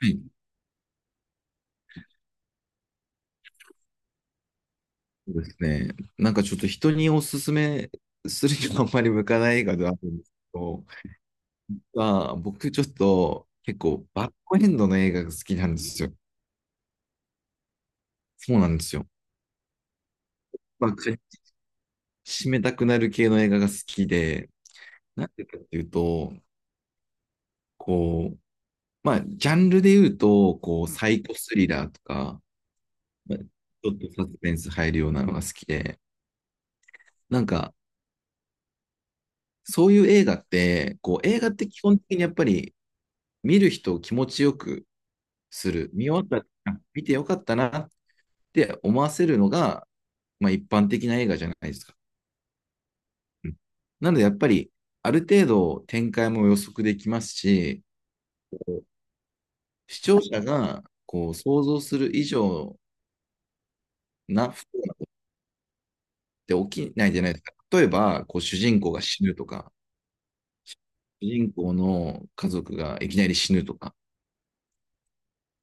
はい。そうですね。なんかちょっと人におすすめするにはあんまり向かない映画ではあるんですけど、まあ、僕ちょっと結構バッドエンドの映画が好きなんですよ。そうなんですよ。まあ、締めたくなる系の映画が好きで、なんでかっていうと、こう、まあ、ジャンルで言うと、こう、サイコスリラーとか、まあちょっとサスペンス入るようなのが好きで、なんか、そういう映画って、こう、映画って基本的にやっぱり見る人を気持ちよくする。見終わったら見てよかったなって思わせるのが、まあ、一般的な映画じゃないですか。うんなので、やっぱり、ある程度展開も予測できますし、視聴者がこう想像する以上な不幸なんて起きないじゃないですか。例えば、こう主人公が死ぬとか、主人公の家族がいきなり死ぬとか、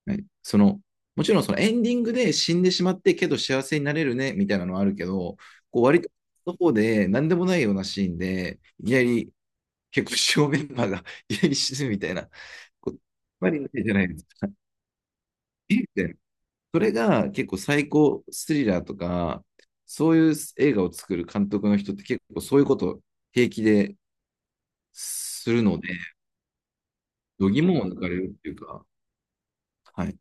はい、もちろんそのエンディングで死んでしまってけど幸せになれるねみたいなのはあるけど、こう割との方で何でもないようなシーンで、いきなり結構主要メンバーが いきなり死ぬみたいな、こうあんまりないじゃないですか。えそれが結構最高スリラーとか、そういう映画を作る監督の人って結構そういうことを平気でするので、度肝を抜かれるっていうか、はい。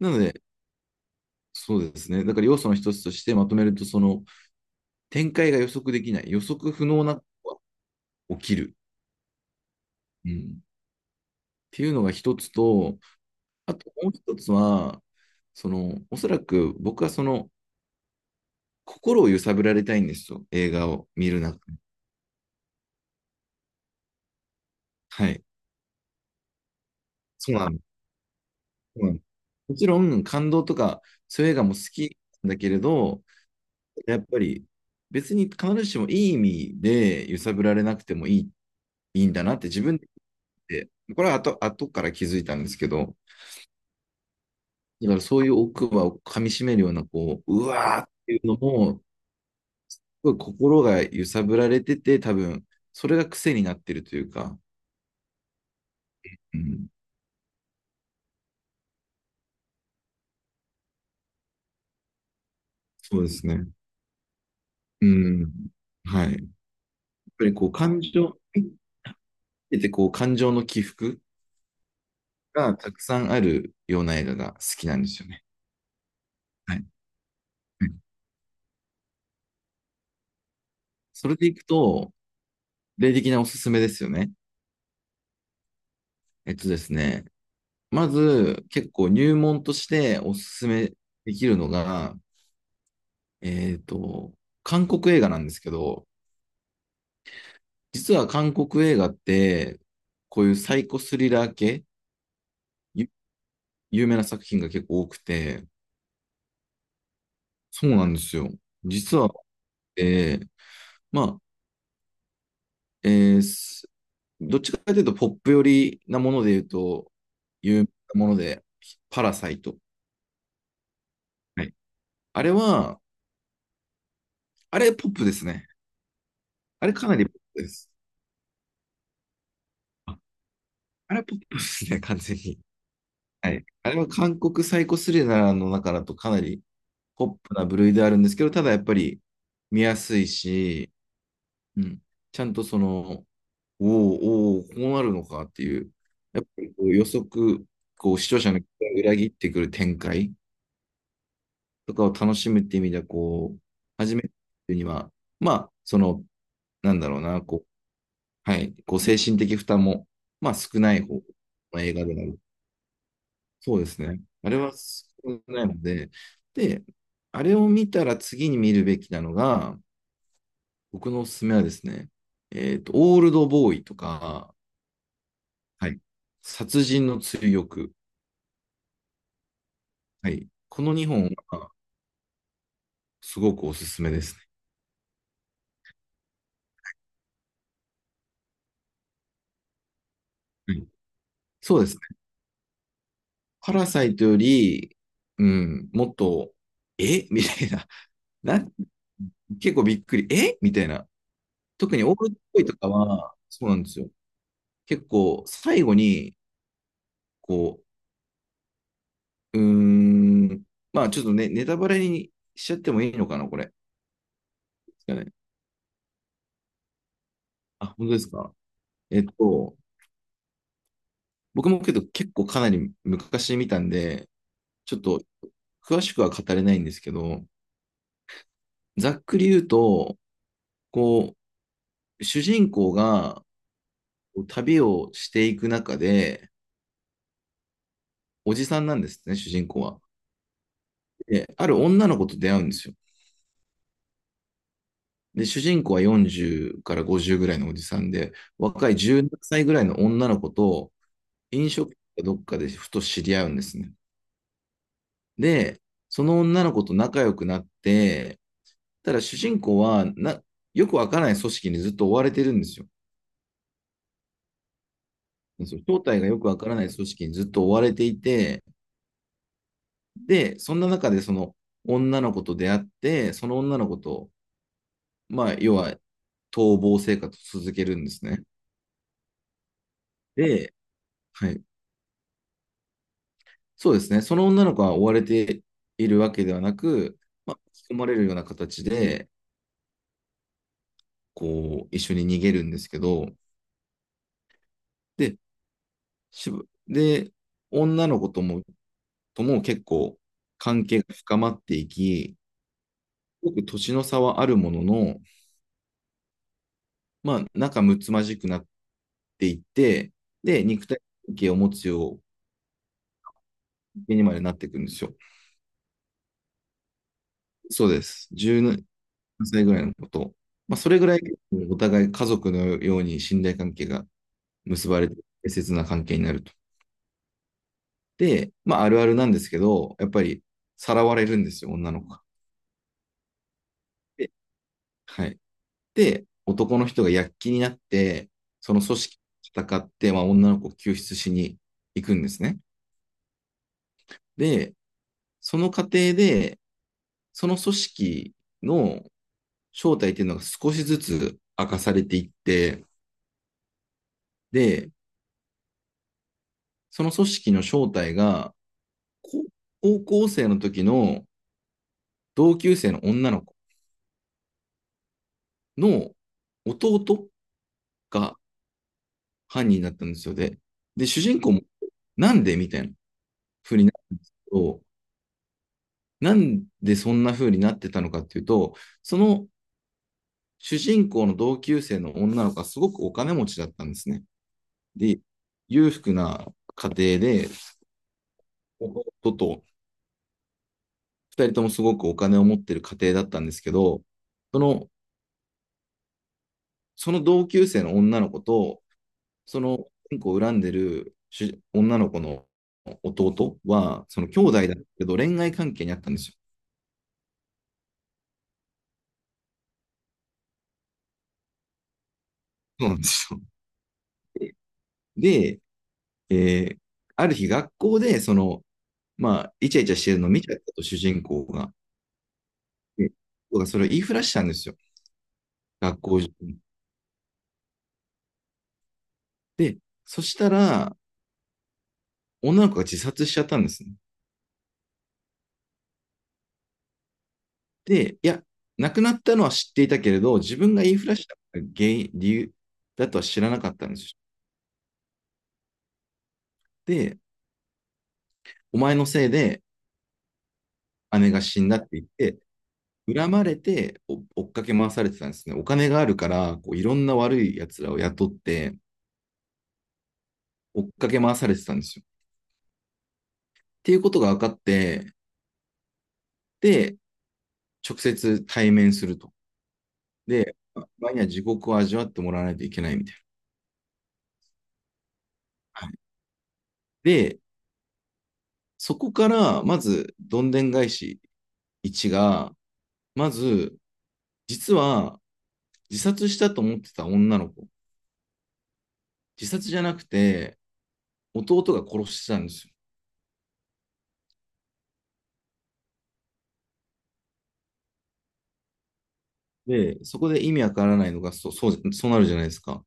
なので、そうですね。だから要素の一つとしてまとめると、その、展開が予測できない、予測不能な起きるうん。っていうのが一つと、あともう一つは、その、おそらく僕はその、心を揺さぶられたいんですよ、映画を見る中で。はい。そうなの。そうなの、もちろん、感動とか、そういう映画も好きだけれど、やっぱり、別に必ずしもいい意味で揺さぶられなくてもいい、いいんだなって自分で言って、これは後から気づいたんですけど、だからそういう奥歯を噛み締めるような、こう、うわーっていうのも、すごい心が揺さぶられてて、多分、それが癖になってるというか、うん、そうですね。うん。はい。やっぱりこう、感情、見ててこう、感情の起伏がたくさんあるような映画が好きなんですよね。はい。うんそれでいくと、例的なおすすめですよね。ですね、まず、結構入門としておすすめできるのが、えっと、韓国映画なんですけど、実は韓国映画って、こういうサイコスリラー系、ゆ有名な作品が結構多くて、そうなんですよ。実は、えーまあ、えーすどっちかというとポップ寄りなもので言うと、有名なもので、パラサイト。はい、あれは、あれポップですね。あれかなりポップです。ああれポップですね、完全に。はい。あれは韓国サイコスリラーの中だとかなりポップな部類であるんですけど、ただやっぱり見やすいし、うん、ちゃんとその、おお、おーこうなるのかっていう、やっぱりこう予測、こう視聴者の期待を裏切ってくる展開とかを楽しむっていう意味では、こう、初めてには、まあ、その、なんだろうな、こう、はい、こう精神的負担も、まあ少ない方の映画でなる。そうですね。あれは少ないので、で、あれを見たら次に見るべきなのが、僕のおすすめはですね、オールドボーイとか、はい、殺人の追憶。はい。この2本はすごくおすすめですね。うんそうですね。パラサイトより、うん、もっと、え みたいな。な結構びっくり。えみたいな。特にオールドボーイとかは、そうなんですよ。結構最後に、こう、うーん、まあちょっとね、ネタバレにしちゃってもいいのかな、これですかね？あ、本当ですか？えっと、僕もけど結構かなり昔見たんで、ちょっと詳しくは語れないんですけど、ざっくり言うと、こう、主人公が旅をしていく中で、おじさんなんですね、主人公は。で、ある女の子と出会うんですよ。で、主人公は40から50ぐらいのおじさんで、若い17歳ぐらいの女の子と飲食店かどっかでふと知り合うんですね。で、その女の子と仲良くなって、ただ主人公は、よくわからない組織にずっと追われてるんですよ。正体がよくわからない組織にずっと追われていて、で、そんな中でその女の子と出会って、その女の子と、まあ、要は逃亡生活を続けるんですね。で、はい。そうですね。その女の子は追われているわけではなく、まあ、引き込まれるような形で、こう、一緒に逃げるんですけど、で、しぶで、女の子とも結構関係が深まっていき、すごく年の差はあるものの、まあ、仲睦まじくなっていって、で、肉体関係を持つようにまでなっていくんですよ。そうです。17歳ぐらいのこと。まあ、それぐらいお互い家族のように信頼関係が結ばれて、適切な関係になると。で、まあ、あるあるなんですけど、やっぱりさらわれるんですよ、女の子が。で、はい。で、男の人が躍起になって、その組織と戦って、まあ、女の子を救出しに行くんですね。で、その過程で、その組織の正体っていうのが少しずつ明かされていって、で、その組織の正体が、高校生の時の同級生の女の子の弟が犯人だったんですよ。で、主人公も、なんでみたいな風になると、なんでそんな風になってたのかっていうと、その主人公の同級生の女の子はすごくお金持ちだったんですね。で、裕福な家庭で、弟と二人ともすごくお金を持ってる家庭だったんですけど、その、その同級生の女の子と、その主人公を恨んでる女の子の弟は、その兄弟だけど恋愛関係にあったんですよ。そうなんですよ。で、えーある日学校で、まあ、イチャイチャしてるのを見ちゃったと、主人公が。で、僕がそれを言いふらしたんですよ。学校中に。で、そしたら、女の子が自殺しちゃったんですね。で、いや、亡くなったのは知っていたけれど、自分が言いふらした原因、理由だとは知らなかったんですよ。で、お前のせいで姉が死んだって言って、恨まれて追っかけ回されてたんですね。お金があるから、こういろんな悪い奴らを雇って追っかけ回されてたんですよ。っていうことが分かって、で、直接対面すると。で、場合には地獄を味わってもらわないといけないみたいな。はい、で、そこから、まず、どんでん返し1が、まず、実は、自殺したと思ってた女の子、自殺じゃなくて、弟が殺してたんですよ。で、そこで意味わからないのが、そう、そう、そうなるじゃないですか。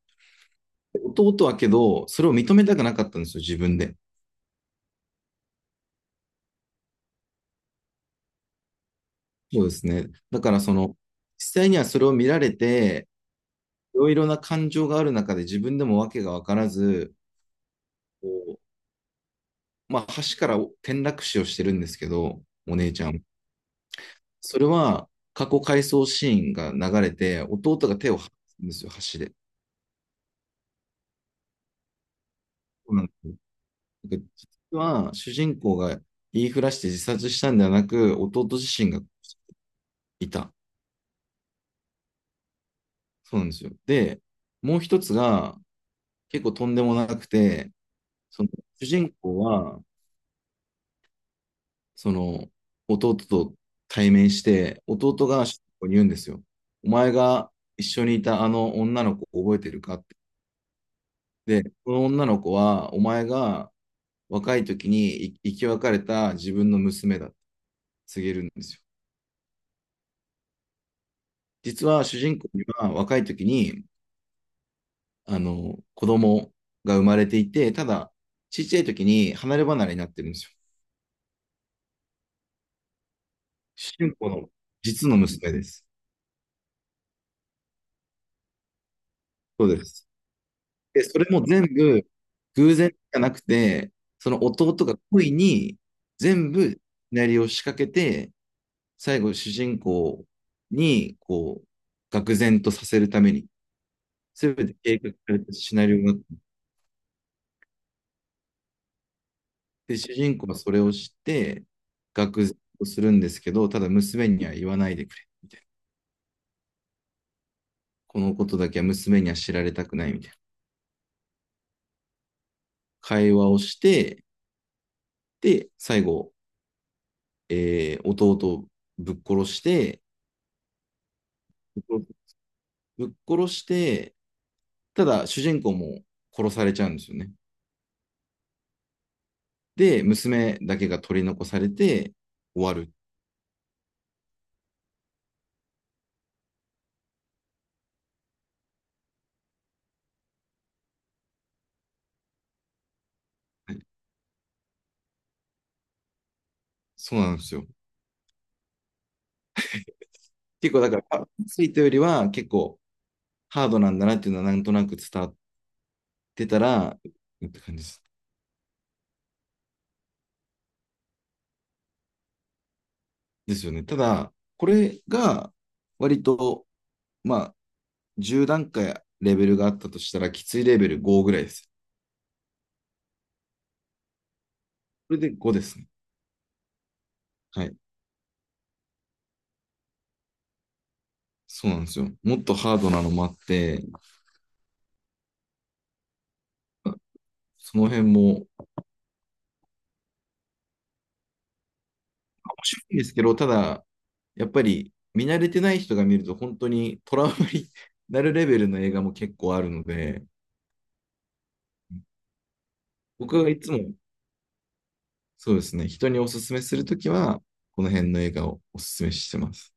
弟はけど、それを認めたくなかったんですよ、自分で。そうですね。だから、その、実際にはそれを見られて、いろいろな感情がある中で自分でも訳が分からず、こうまあ、橋から転落死をしてるんですけど、お姉ちゃん。それは過去回想シーンが流れて、弟が手を張るんですよ、橋で。そうなんですよ。だから実は主人公が言いふらして自殺したんではなく、弟自身がいた。そうなんですよ。で、もう一つが結構とんでもなくて、その主人公はその、弟と対面して、弟が主人公に言うんですよ。お前が一緒にいたあの女の子覚えてるかって。で、この女の子は、お前が若い時に生き別れた自分の娘だって告げるんですよ。実は主人公には若い時に、子供が生まれていて、ただ、ちっちゃい時に離れ離れになってるんですよ。主人公の実の娘です。そうです。で、それも全部偶然じゃなくて、その弟が恋に全部シナリオを仕掛けて、最後主人公にこう、愕然とさせるために、全て計画されたシナリオがあって、主人公はそれを知って、愕然とするんですけど、ただ娘には言わないでくれ。このことだけは娘には知られたくないみたいな会話をして、で、最後、弟をぶっ殺して、ぶっ殺して、ただ、主人公も殺されちゃうんですよね。で、娘だけが取り残されて終わる。そうなんですよ。結構だから、ついたよりは結構ハードなんだなっていうのはなんとなく伝わってたら、って感じです。ですよね。ただ、これが割と、まあ、10段階レベルがあったとしたら、きついレベル5ぐらいです。これで5ですね。はい。そうなんですよ。もっとハードなのもあって、その辺も面白いんですけど、ただ、やっぱり見慣れてない人が見ると本当にトラウマに なるレベルの映画も結構あるので、僕がいつもそうですね、人におすすめするときは、この辺の映画をおすすめしてます。